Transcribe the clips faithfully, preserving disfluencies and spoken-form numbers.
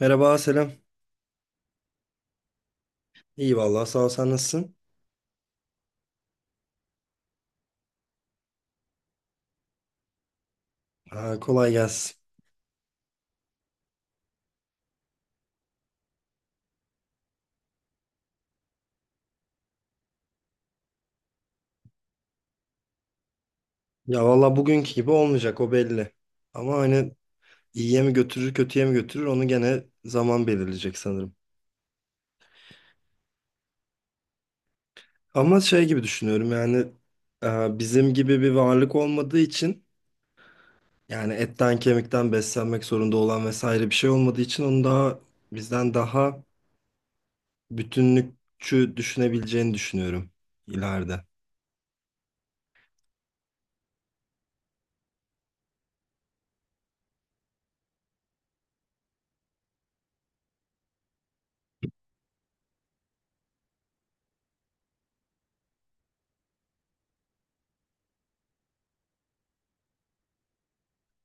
Merhaba, selam. İyi vallahi sağ ol, sen nasılsın? Ha, kolay gelsin. Ya vallahi bugünkü gibi olmayacak, o belli. Ama hani iyiye mi götürür kötüye mi götürür onu gene zaman belirleyecek sanırım. Ama şey gibi düşünüyorum yani, e, bizim gibi bir varlık olmadığı için, yani etten kemikten beslenmek zorunda olan vesaire bir şey olmadığı için onu daha, bizden daha bütünlükçü düşünebileceğini düşünüyorum ileride.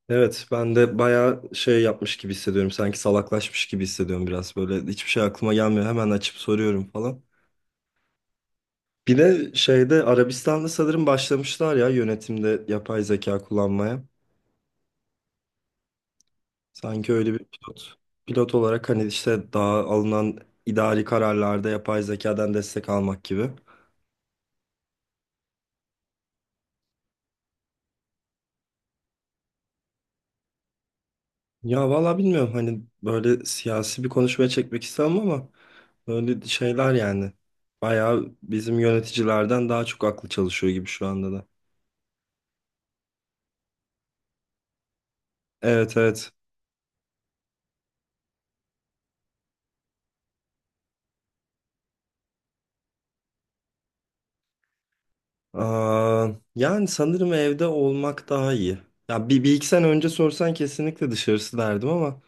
Evet, ben de bayağı şey yapmış gibi hissediyorum. Sanki salaklaşmış gibi hissediyorum biraz böyle. Hiçbir şey aklıma gelmiyor. Hemen açıp soruyorum falan. Bir de şeyde Arabistan'da sanırım başlamışlar ya yönetimde yapay zeka kullanmaya. Sanki öyle bir pilot. Pilot olarak hani işte daha alınan idari kararlarda yapay zekadan destek almak gibi. Ya valla bilmiyorum, hani böyle siyasi bir konuşmaya çekmek istemem ama böyle şeyler yani. Bayağı bizim yöneticilerden daha çok aklı çalışıyor gibi şu anda da. Evet, evet. Aa, yani sanırım evde olmak daha iyi. Ya bir, bir iki sene önce sorsan kesinlikle dışarısı derdim ama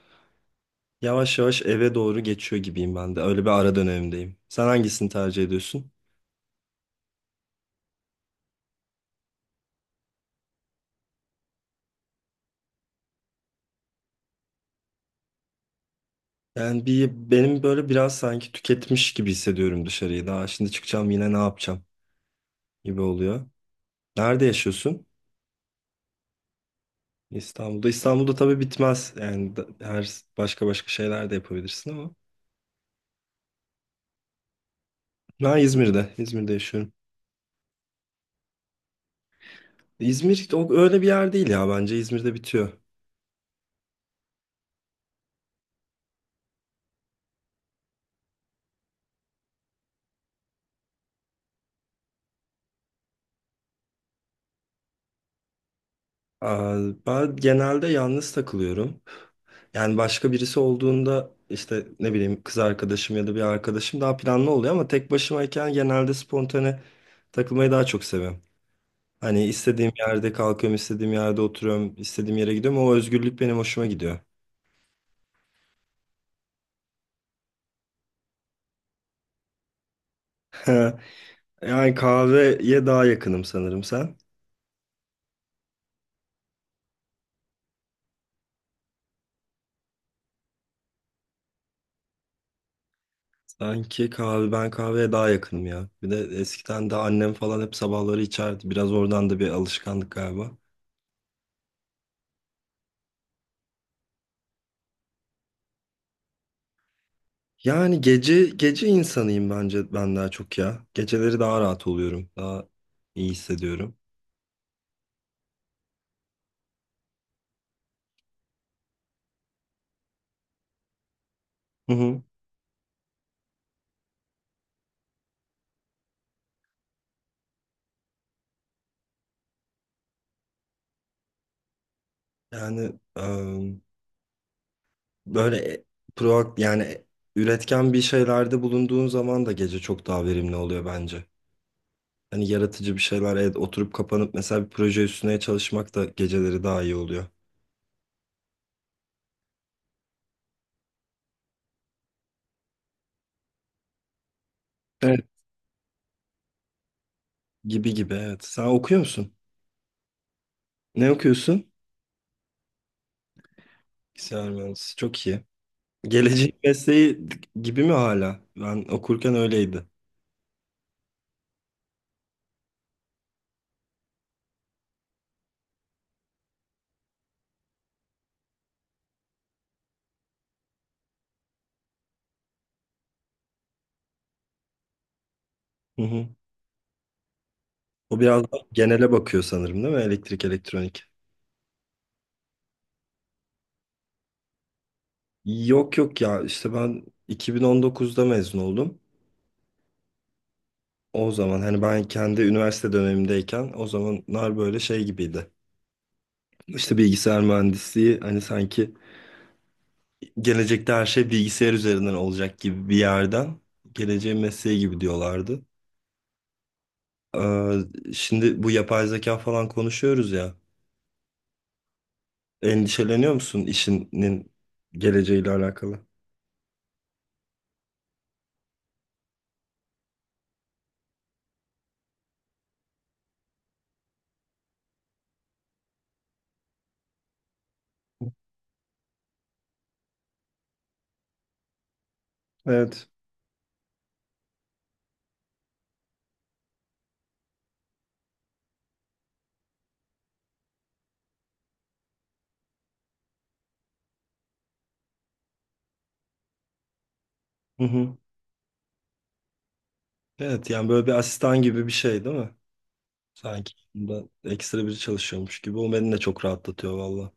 yavaş yavaş eve doğru geçiyor gibiyim ben de. Öyle bir ara dönemdeyim. Sen hangisini tercih ediyorsun? Yani bir benim böyle biraz sanki tüketmiş gibi hissediyorum dışarıyı. Daha şimdi çıkacağım yine ne yapacağım gibi oluyor. Nerede yaşıyorsun? İstanbul'da. İstanbul'da tabii bitmez. Yani da- her başka başka şeyler de yapabilirsin ama. Ben İzmir'de. İzmir'de yaşıyorum. İzmir o öyle bir yer değil, ya bence İzmir'de bitiyor. Aa, ben genelde yalnız takılıyorum. Yani başka birisi olduğunda işte ne bileyim kız arkadaşım ya da bir arkadaşım daha planlı oluyor ama tek başımayken genelde spontane takılmayı daha çok seviyorum. Hani istediğim yerde kalkıyorum, istediğim yerde oturuyorum, istediğim yere gidiyorum. O özgürlük benim hoşuma gidiyor. Yani kahveye daha yakınım sanırım, sen? Sanki kahve, ben kahveye daha yakınım ya. Bir de eskiden de annem falan hep sabahları içerdi. Biraz oradan da bir alışkanlık galiba. Yani gece gece insanıyım bence ben, daha çok ya. Geceleri daha rahat oluyorum. Daha iyi hissediyorum. Hı hı. Yani em, böyle e- pro yani üretken bir şeylerde bulunduğun zaman da gece çok daha verimli oluyor bence. Hani yaratıcı bir şeyler, evet, oturup kapanıp mesela bir proje üstüne çalışmak da geceleri daha iyi oluyor. Evet. Gibi gibi, evet. Sen okuyor musun? Ne okuyorsun? Bilgisayar mühendisi. Çok iyi. Gelecek mesleği gibi mi hala? Ben okurken öyleydi. Hı hı. O biraz daha genele bakıyor sanırım, değil mi? Elektrik, elektronik. Yok yok ya, işte ben iki bin on dokuzda mezun oldum. O zaman hani ben kendi üniversite dönemimdeyken o zamanlar böyle şey gibiydi. İşte bilgisayar mühendisliği hani sanki gelecekte her şey bilgisayar üzerinden olacak gibi bir yerden geleceğin mesleği gibi diyorlardı. Ee, şimdi bu yapay zeka falan konuşuyoruz ya. Endişeleniyor musun işinin geleceğiyle alakalı? Evet. Hı hı. Evet yani böyle bir asistan gibi bir şey değil mi? Sanki bunda ekstra biri çalışıyormuş gibi. O beni de çok rahatlatıyor valla.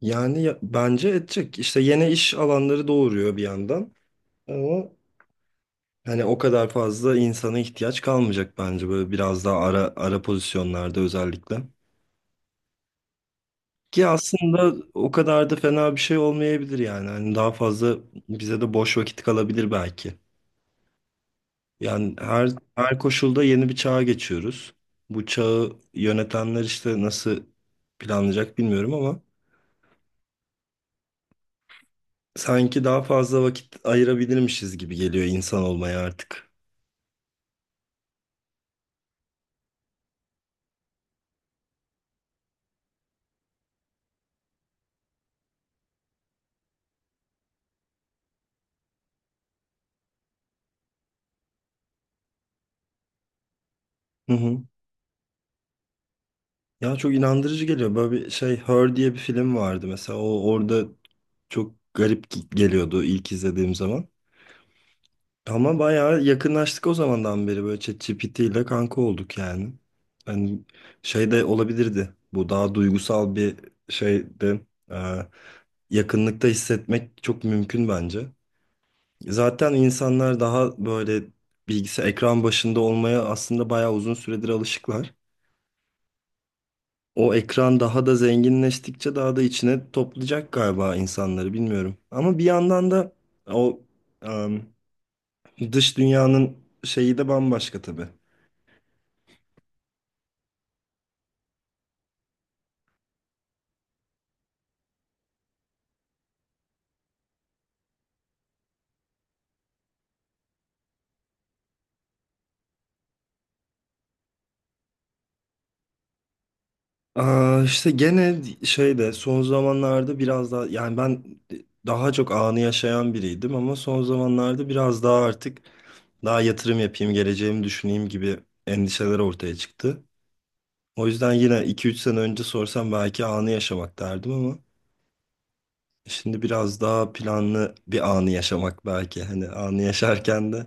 Yani ya- bence edecek. İşte yeni iş alanları doğuruyor bir yandan. Ama hani o kadar fazla insana ihtiyaç kalmayacak bence, böyle biraz daha ara ara pozisyonlarda özellikle. Ki aslında o kadar da fena bir şey olmayabilir yani. Hani daha fazla bize de boş vakit kalabilir belki. Yani her her koşulda yeni bir çağa geçiyoruz. Bu çağı yönetenler işte nasıl planlayacak bilmiyorum ama sanki daha fazla vakit ayırabilirmişiz gibi geliyor insan olmaya artık. Hı hı. Ya çok inandırıcı geliyor. Böyle bir şey, Her diye bir film vardı mesela. O orada çok garip geliyordu ilk izlediğim zaman. Ama bayağı yakınlaştık o zamandan beri, böyle ChatGPT ile kanka olduk yani. Hani şey de olabilirdi. Bu daha duygusal bir şeydi. Ee, yakınlıkta hissetmek çok mümkün bence. Zaten insanlar daha böyle bilgisayar ekran başında olmaya aslında bayağı uzun süredir alışıklar. O ekran daha da zenginleştikçe daha da içine toplayacak galiba insanları, bilmiyorum. Ama bir yandan da o em, dış dünyanın şeyi de bambaşka tabii. Aa, işte gene şeyde son zamanlarda biraz daha yani ben daha çok anı yaşayan biriydim ama son zamanlarda biraz daha artık daha yatırım yapayım, geleceğimi düşüneyim gibi endişeler ortaya çıktı. O yüzden yine iki üç sene önce sorsam belki anı yaşamak derdim ama şimdi biraz daha planlı bir anı yaşamak belki. Hani anı yaşarken de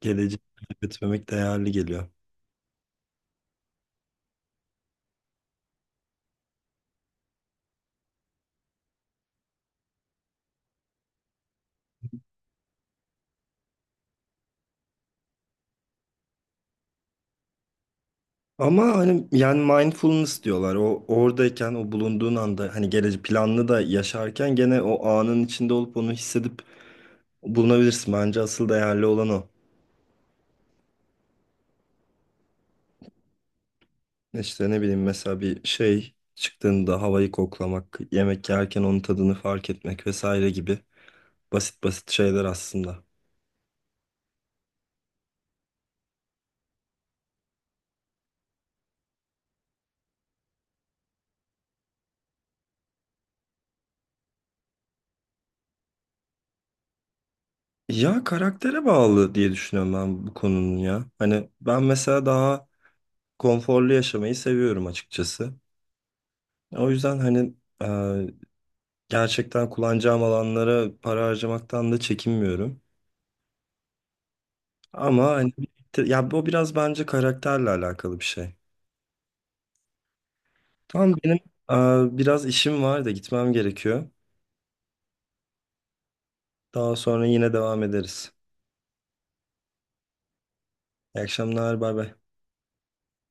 geleceği götürmek değerli geliyor. Ama hani yani mindfulness diyorlar. O oradayken o bulunduğun anda hani geleceği planlı da yaşarken gene o anın içinde olup onu hissedip bulunabilirsin. Bence asıl değerli olan o. İşte ne bileyim mesela bir şey çıktığında havayı koklamak, yemek yerken onun tadını fark etmek vesaire gibi basit basit şeyler aslında. Ya karaktere bağlı diye düşünüyorum ben bu konunun ya. Hani ben mesela daha konforlu yaşamayı seviyorum açıkçası. O yüzden hani gerçekten kullanacağım alanlara para harcamaktan da çekinmiyorum. Ama hani ya bu biraz bence karakterle alakalı bir şey. Tamam, benim e, biraz işim var da gitmem gerekiyor. Daha sonra yine devam ederiz. İyi akşamlar, bay bay.